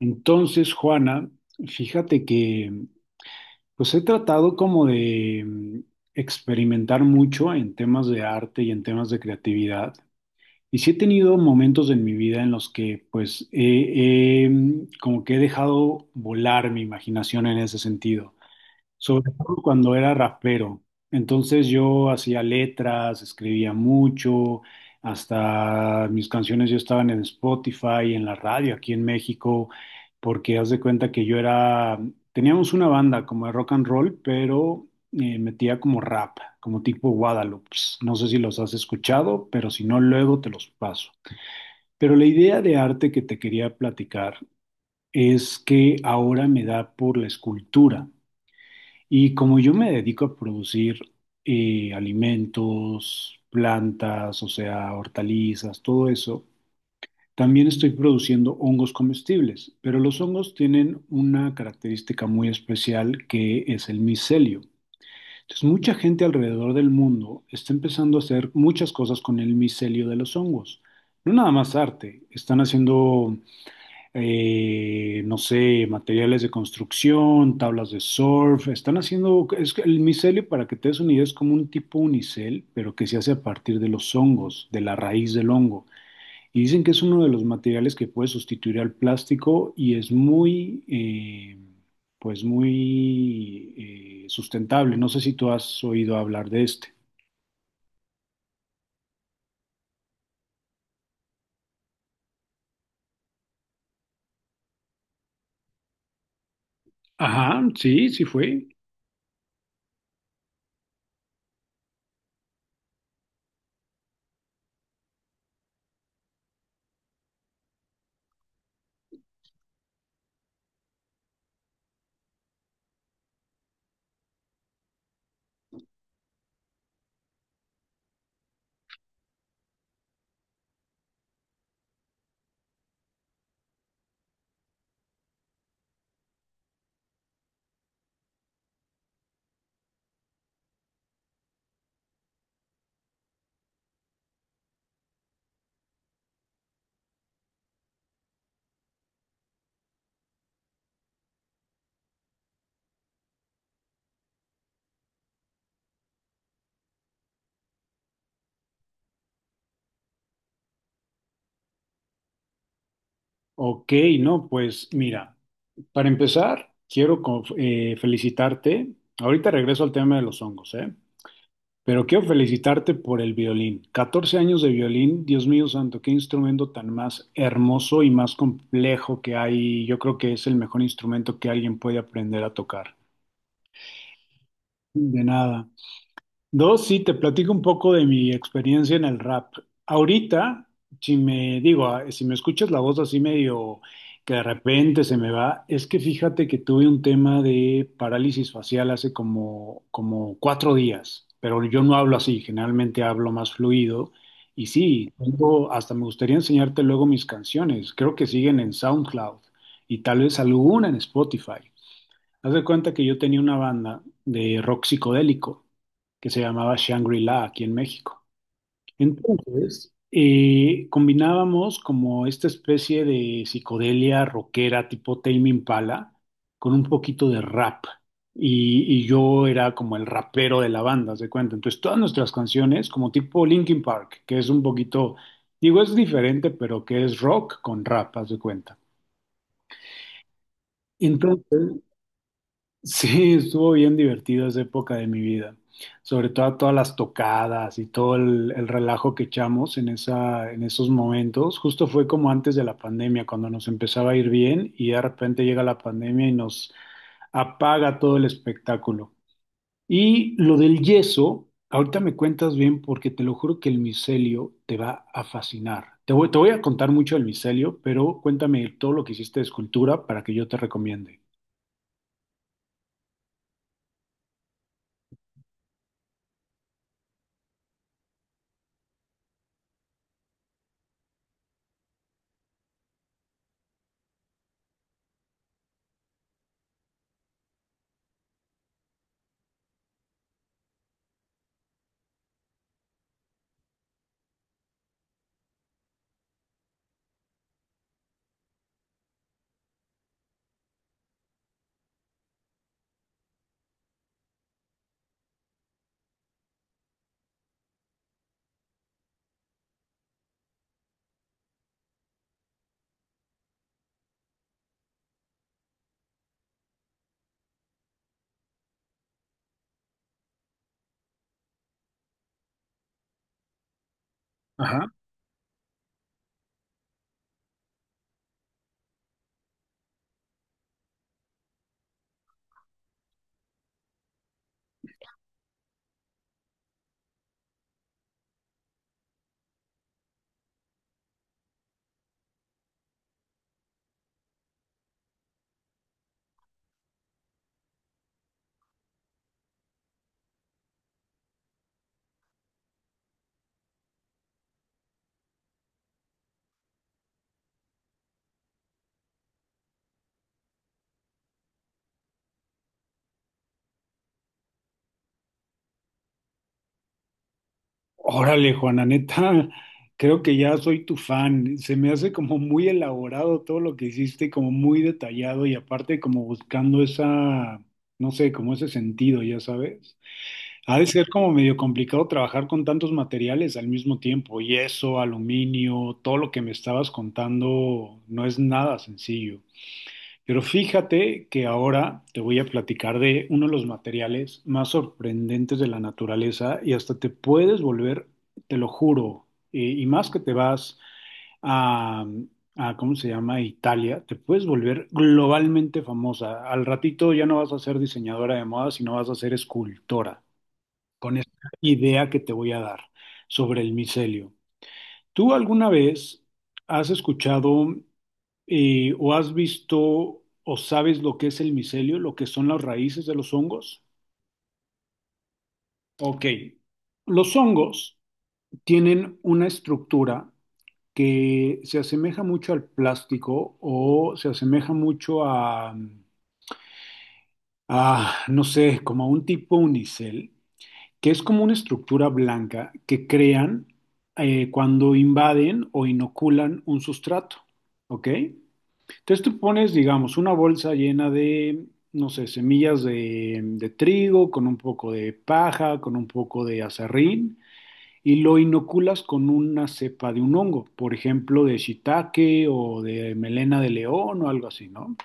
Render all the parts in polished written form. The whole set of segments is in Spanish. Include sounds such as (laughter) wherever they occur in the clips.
Entonces, Juana, fíjate que pues he tratado como experimentar mucho en temas de arte y en temas de creatividad. Y sí he tenido momentos en mi vida en los que pues como que he dejado volar mi imaginación en ese sentido, sobre todo cuando era rapero. Entonces yo hacía letras, escribía mucho, hasta mis canciones ya estaban en Spotify, en la radio aquí en México, porque haz de cuenta que yo era, teníamos una banda como de rock and roll, pero metía como rap, como tipo Guadalupe. No sé si los has escuchado, pero si no, luego te los paso. Pero la idea de arte que te quería platicar es que ahora me da por la escultura. Y como yo me dedico a producir alimentos, plantas, o sea, hortalizas, todo eso, también estoy produciendo hongos comestibles, pero los hongos tienen una característica muy especial que es el micelio. Entonces, mucha gente alrededor del mundo está empezando a hacer muchas cosas con el micelio de los hongos. No nada más arte, están haciendo no sé, materiales de construcción, tablas de surf, están haciendo, es que el micelio, para que te des una idea, es como un tipo unicel, pero que se hace a partir de los hongos, de la raíz del hongo. Y dicen que es uno de los materiales que puede sustituir al plástico y es pues muy sustentable. No sé si tú has oído hablar de este. Ajá, sí, sí fue. Ok, no, pues mira. Para empezar, quiero felicitarte. Ahorita regreso al tema de los hongos, ¿eh? Pero quiero felicitarte por el violín. 14 años de violín, Dios mío santo, qué instrumento tan más hermoso y más complejo que hay. Yo creo que es el mejor instrumento que alguien puede aprender a tocar. De nada. Dos, sí, te platico un poco de mi experiencia en el rap. Ahorita, si me digo, ah, si me escuchas la voz así medio que de repente se me va, es que fíjate que tuve un tema de parálisis facial hace como, como 4 días, pero yo no hablo así, generalmente hablo más fluido. Y sí, tengo, hasta me gustaría enseñarte luego mis canciones, creo que siguen en SoundCloud y tal vez alguna en Spotify. Haz de cuenta que yo tenía una banda de rock psicodélico que se llamaba Shangri-La aquí en México. Entonces, combinábamos como esta especie de psicodelia rockera tipo Tame Impala con un poquito de rap. Y yo era como el rapero de la banda, haz de cuenta. Entonces, todas nuestras canciones, como tipo Linkin Park, que es un poquito, digo, es diferente, pero que es rock con rap, haz de cuenta. Entonces, sí, estuvo bien divertida esa época de mi vida, sobre todo todas las tocadas y todo el relajo que echamos en esa, en esos momentos. Justo fue como antes de la pandemia, cuando nos empezaba a ir bien y de repente llega la pandemia y nos apaga todo el espectáculo. Y lo del yeso, ahorita me cuentas bien porque te lo juro que el micelio te va a fascinar. Te voy a contar mucho del micelio, pero cuéntame todo lo que hiciste de escultura para que yo te recomiende. Ajá. Órale, Juana, neta, creo que ya soy tu fan. Se me hace como muy elaborado todo lo que hiciste, como muy detallado y aparte como buscando esa, no sé, como ese sentido, ya sabes. Ha de ser como medio complicado trabajar con tantos materiales al mismo tiempo, yeso, aluminio, todo lo que me estabas contando no es nada sencillo. Pero fíjate que ahora te voy a platicar de uno de los materiales más sorprendentes de la naturaleza y hasta te puedes volver, te lo juro, y más que te vas a, a ¿cómo se llama? Italia, te puedes volver globalmente famosa. Al ratito ya no vas a ser diseñadora de moda, sino vas a ser escultora, con esta idea que te voy a dar sobre el micelio. ¿Tú alguna vez has escuchado o has visto o sabes lo que es el micelio, lo que son las raíces de los hongos? Ok, los hongos tienen una estructura que se asemeja mucho al plástico o se asemeja mucho a no sé, como a un tipo unicel, que es como una estructura blanca que crean cuando invaden o inoculan un sustrato, ¿ok? Entonces tú pones, digamos, una bolsa llena de, no sé, semillas de trigo, con un poco de paja, con un poco de azarrín, y lo inoculas con una cepa de un hongo, por ejemplo, de shiitake o de melena de león o algo así, ¿no?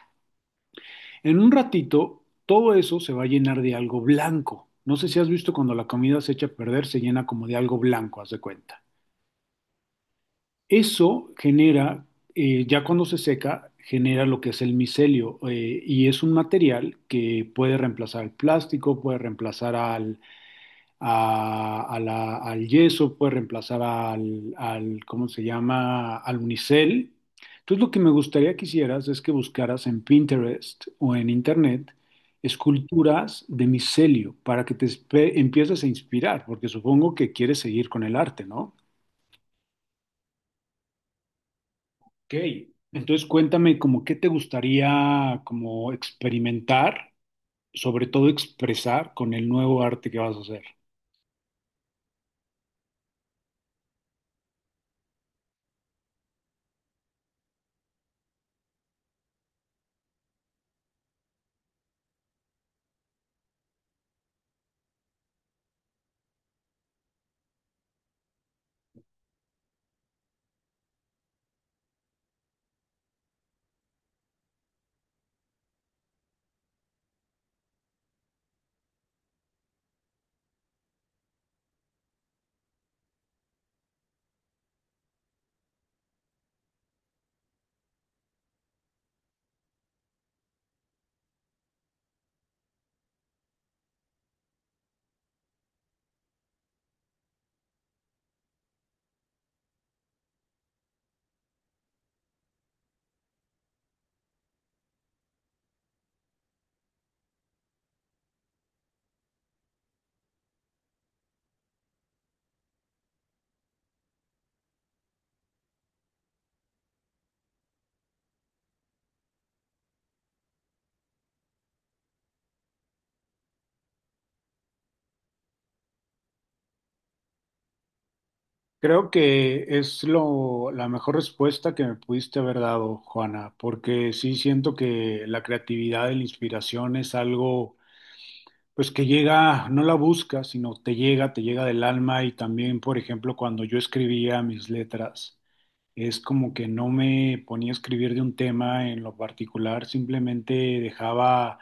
En un ratito, todo eso se va a llenar de algo blanco. No sé si has visto cuando la comida se echa a perder, se llena como de algo blanco, haz de cuenta. Eso genera, ya cuando se seca, genera lo que es el micelio, y es un material que puede reemplazar al plástico, puede reemplazar al, a la- al yeso, puede reemplazar al ¿cómo se llama?, al unicel. Entonces lo que me gustaría que hicieras es que buscaras en Pinterest o en Internet esculturas de micelio para que empieces a inspirar, porque supongo que quieres seguir con el arte, ¿no? Ok, entonces cuéntame como qué te gustaría como experimentar, sobre todo expresar con el nuevo arte que vas a hacer. Creo que es la mejor respuesta que me pudiste haber dado, Juana, porque sí siento que la creatividad y la inspiración es algo. Pues que llega, no la busca, sino te llega del alma y también, por ejemplo, cuando yo escribía mis letras, es como que no me ponía a escribir de un tema en lo particular, simplemente dejaba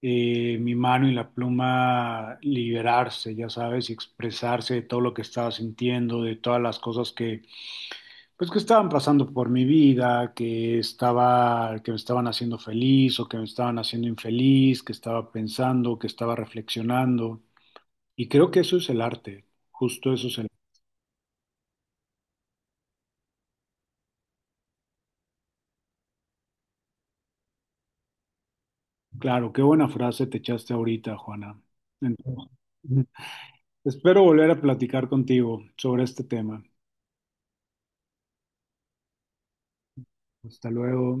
mi mano y la pluma liberarse, ya sabes, y expresarse de todo lo que estaba sintiendo, de todas las cosas que, pues, que estaban pasando por mi vida, que estaba, que me estaban haciendo feliz o que me estaban haciendo infeliz, que estaba pensando, que estaba reflexionando. Y creo que eso es el arte, justo eso es el... Claro, qué buena frase te echaste ahorita, Juana. Entonces, (laughs) espero volver a platicar contigo sobre este tema. Hasta luego.